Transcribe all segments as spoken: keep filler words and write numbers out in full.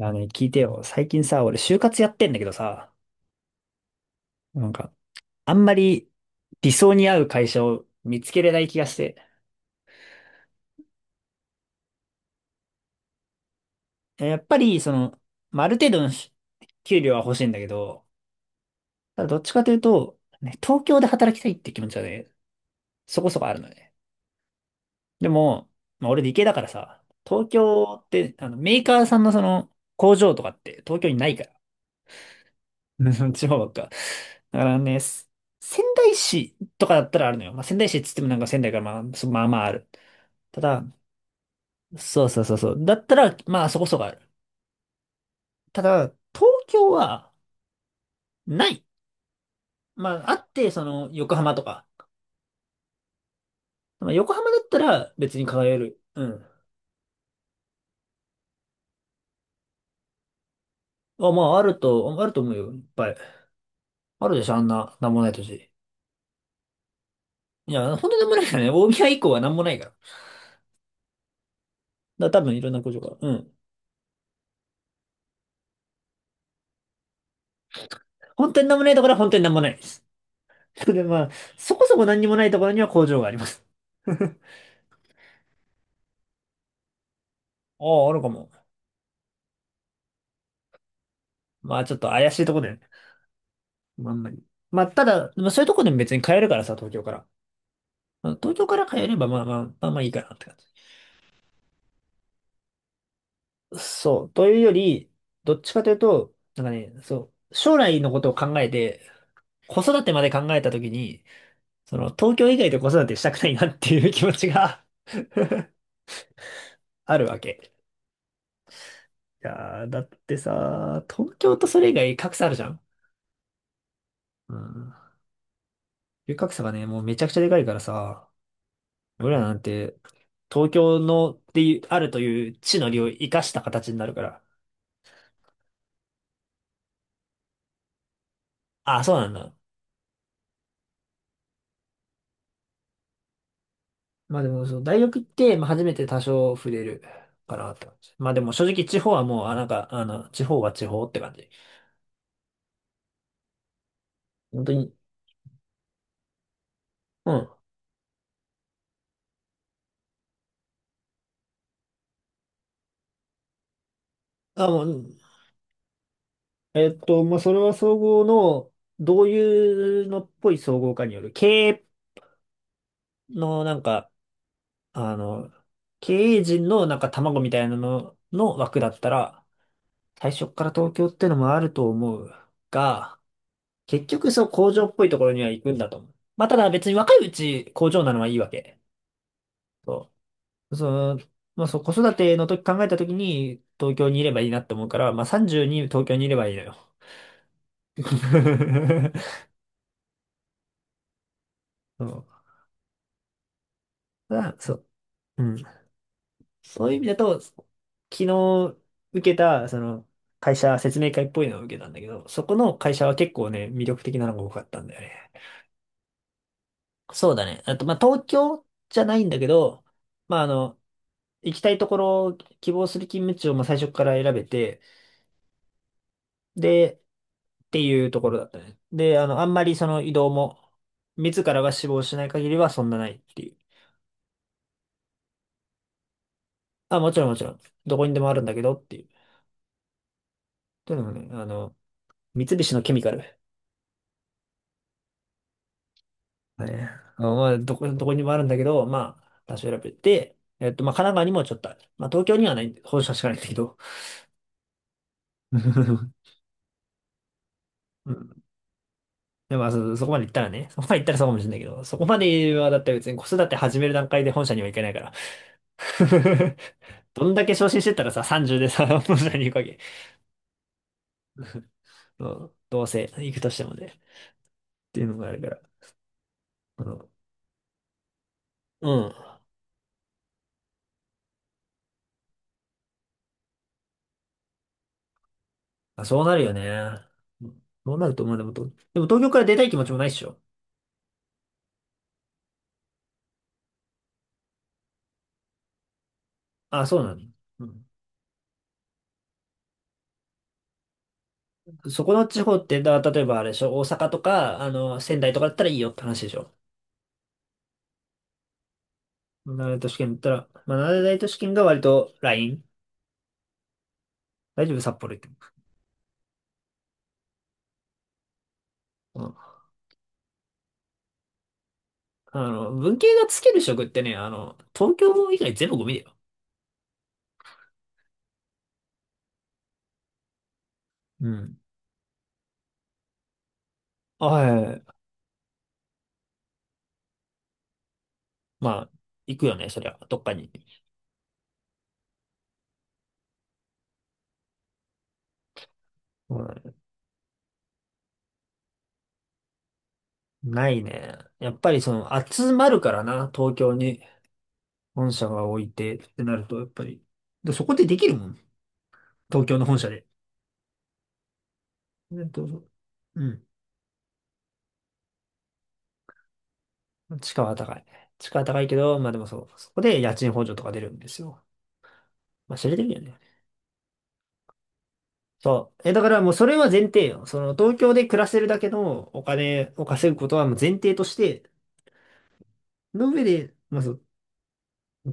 あのね、聞いてよ。最近さ、俺就活やってんだけどさ、なんか、あんまり理想に合う会社を見つけれない気がして。やっぱり、その、まあ、ある程度のし給料は欲しいんだけど、ただどっちかというと、ね、東京で働きたいって気持ちはね、そこそこあるのね。でも、まあ、俺理系だからさ、東京って、あの、メーカーさんのその、工場とかって東京にないから。うん、地方ばっか。だからね、す仙台市とかだったらあるのよ。まあ、仙台市っつってもなんか仙台からまあ、そまあまあある。ただ、そうそうそうそう。だったら、まあそこそこある。ただ、東京はない。まあ、あって、その、横浜とか。まあ、横浜だったら別に輝える。うん。あ、まあ、あると、あると思うよ。いっぱい。あるでしょ、あんな、なんもない土地。いや、本当になんもないからね。大宮以降はなんもないから。だから多分いろんな工場が。うん。本当になんもないところは本当になんもないです。で、まあ、そこそこ何にもないところには工場があります。ああ、あるかも。まあ、ちょっと怪しいとこだよね。まあ、あんまり。まあ、ただ、まあ、そういうとこでも別に買えるからさ、東京から。まあ東京から買えれば、まあまあ、まあまあいいかなって感じ。そう。というより、どっちかというと、なんかね、そう、将来のことを考えて、子育てまで考えたときに、その、東京以外で子育てしたくないなっていう気持ちが あるわけ。いやー、だってさ、東京とそれ以外格差あるじゃん。うん、龍角さがね、もうめちゃくちゃでかいからさ、俺らなんて、東京のっていう、あるという地の利を生かした形になるから。ああ、そうなんだ。まあでも、そう、大学行って、まあ初めて多少触れるかなって感じ。まあでも正直地方はもう、あ、なんか、あの、地方は地方って感じ。本当に。うん。あ、もう、うん、えっと、まあそれは総合の、どういうのっぽい総合かによる、経営のなんか、あの、経営陣のなんか卵みたいなのの枠だったら、最初から東京ってのもあると思うが、結局そう工場っぽいところには行くんだと思う。まあただ別に若いうち工場なのはいいわけ。そう。その、まあそう子育ての時考えた時に東京にいればいいなって思うから、まあさんじゅうに東京にいればいいのよ。そう。だそう。うん。そういう意味だと、昨日受けた、その、会社説明会っぽいのを受けたんだけど、そこの会社は結構ね、魅力的なのが多かったんだよね。そうだね。あと、まあ、東京じゃないんだけど、まあ、あの、行きたいところを希望する勤務地をまあ最初から選べて、で、っていうところだったね。で、あの、あんまりその移動も、自らが死亡しない限りはそんなないっていう。あ、もちろんもちろん。どこにでもあるんだけどっていう。というのもね、あの、三菱のケミカル。ね、あのまあ、どこ、どこにでもあるんだけど、まあ、多少選べて、えっと、まあ、神奈川にもちょっとある。まあ、東京にはない、本社しかないんだけど。でもまあそ、そこまで行ったらね、そこまで行ったらそうかもしれないけど、そこまではだって別に子育て始める段階で本社には行けないから。どんだけ昇進してったらさ、さんじゅうでさ、本社に行くわけ。うん、どうせ行くとしてもね。っていうのがあるから。あの、うん。あ、そうなるよね。うん、そうなると思う。でも、と、でも東京から出たい気持ちもないっしょ。あ、そうなの。うん。そこの地方って、だ、例えばあれでしょ、大阪とか、あの、仙台とかだったらいいよって話でしょ。七大都市圏だったら、まあ、七大都市圏が割とライン大丈夫、札幌行っても。あの、文系がつける職ってね、あの、東京以外全部ゴミだよ。うん。はい。まあ、行くよね、そりゃ、どっかに。うん、ないね。やっぱりその、集まるからな、東京に本社が置いてってなると、やっぱり。で、そこでできるもん。東京の本社で。えっと、うん。地価は高い。地価は高いけど、まあでもそう、そこで家賃補助とか出るんですよ。まあ、知れてるよね。そう。え、だからもうそれは前提よ。その東京で暮らせるだけのお金を稼ぐことはもう前提として、の上で、まあそう、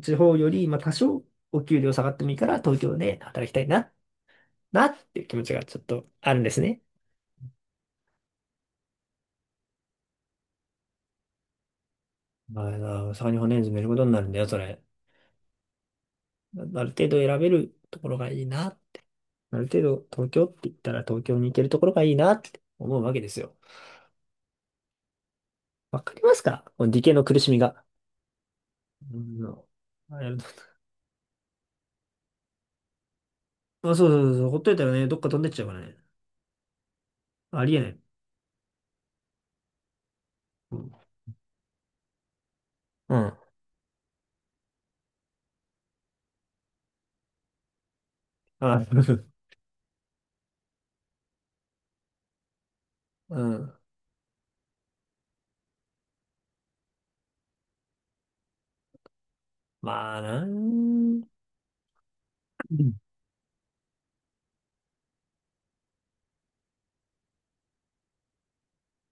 地方より、まあ多少お給料下がってもいいから東京で働きたいな、なっていう気持ちがちょっとあるんですね。まあ、大阪に骨詰めることになるんだよ、それ。ある程度選べるところがいいな。ある程度東京って言ったら東京に行けるところがいいなって思うわけですよ。わかりますかこの理系の苦しみが。うん。あ、そうそうそう、ほっといたらね、どっか飛んでっちゃうからね。ありえない。うん。うん。あ うん。まあなー。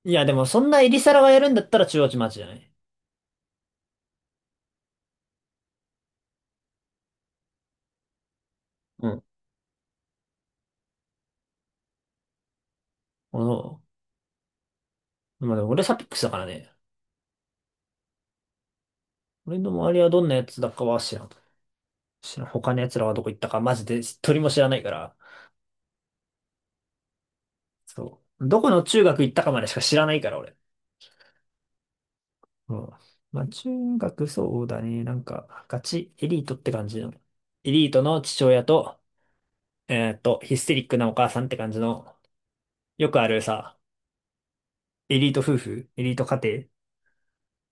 いや、でもそんなエリサラがやるんだったら中央値マジじゃない。うん。おう、まあでも俺サピックスだからね。俺の周りはどんなやつだかは知らん。知らん。他のやつらはどこ行ったかマジで一人も知らないから。そう。どこの中学行ったかまでしか知らないから俺。うん。まあ中学そうだね。なんかガチエリートって感じの。エリートの父親と、えーっと、ヒステリックなお母さんって感じの、よくあるさ、エリート夫婦、エリート家庭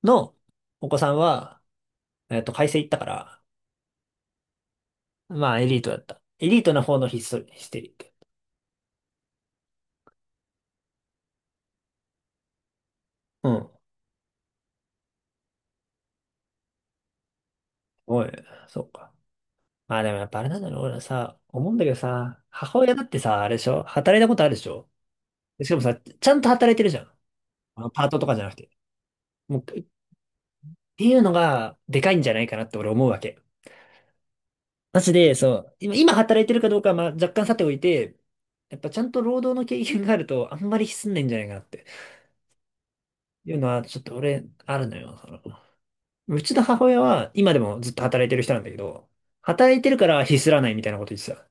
のお子さんは、えっと、会社行ったから、まあ、エリートだった。エリートな方のヒストリ、ヒステリック。うん。おい、そうか。まあでもやっぱあれなんだろう。俺さ、思うんだけどさ、母親だってさ、あれでしょ、働いたことあるでしょ？でしかもさ、ちゃんと働いてるじゃん。あのパートとかじゃなくて。もう、っていうのが、でかいんじゃないかなって俺思うわけ。マジで、そう、今、今働いてるかどうかは、まあ、若干さておいて、やっぱちゃんと労働の経験があると、あんまりひすんないんじゃないかなって。いうのは、ちょっと俺、あるのよ。その、うちの母親は、今でもずっと働いてる人なんだけど、働いてるからひすらないみたいなこと言ってた。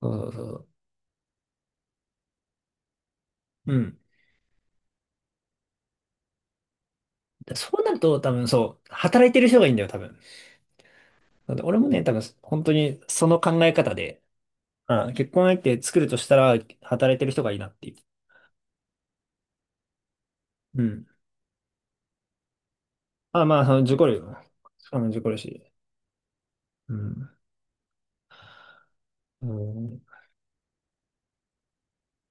そうそうそう。うん。そうなると、多分そう、働いてる人がいいんだよ、多分。なんで俺もね、多分、本当にその考え方で、あ、結婚相手作るとしたら、働いてる人がいいなっていう。うん。あ、まあ、その、受講料。あの、受講料し。うん。うん。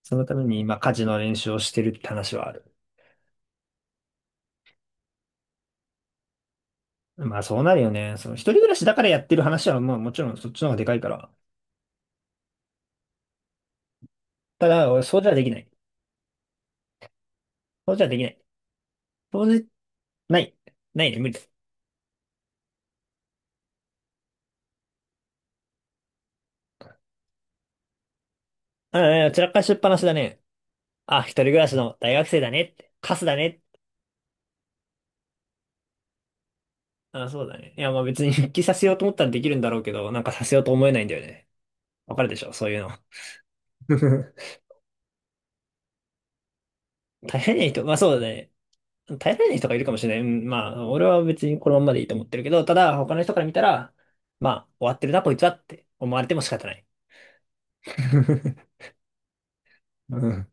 そのために今、家事の練習をしてるって話はある。まあそうなるよね。その一人暮らしだからやってる話は、まあもちろんそっちの方がでかいから。ただ、俺、そうじゃできない。そうじゃできない。そうじ、ない。ないね、無理だ。ああ、散らかしっぱなしだね。あ、一人暮らしの大学生だねって。カスだねって。あ、そうだね。いや、まあ別に復帰させようと思ったらできるんだろうけど、なんかさせようと思えないんだよね。わかるでしょ、そういうの。大変な人、まあそうだね。大変な人がいるかもしれない。うん、まあ、俺は別にこのまんまでいいと思ってるけど、ただ、他の人から見たら、まあ、終わってるな、こいつはって思われても仕方ない。うん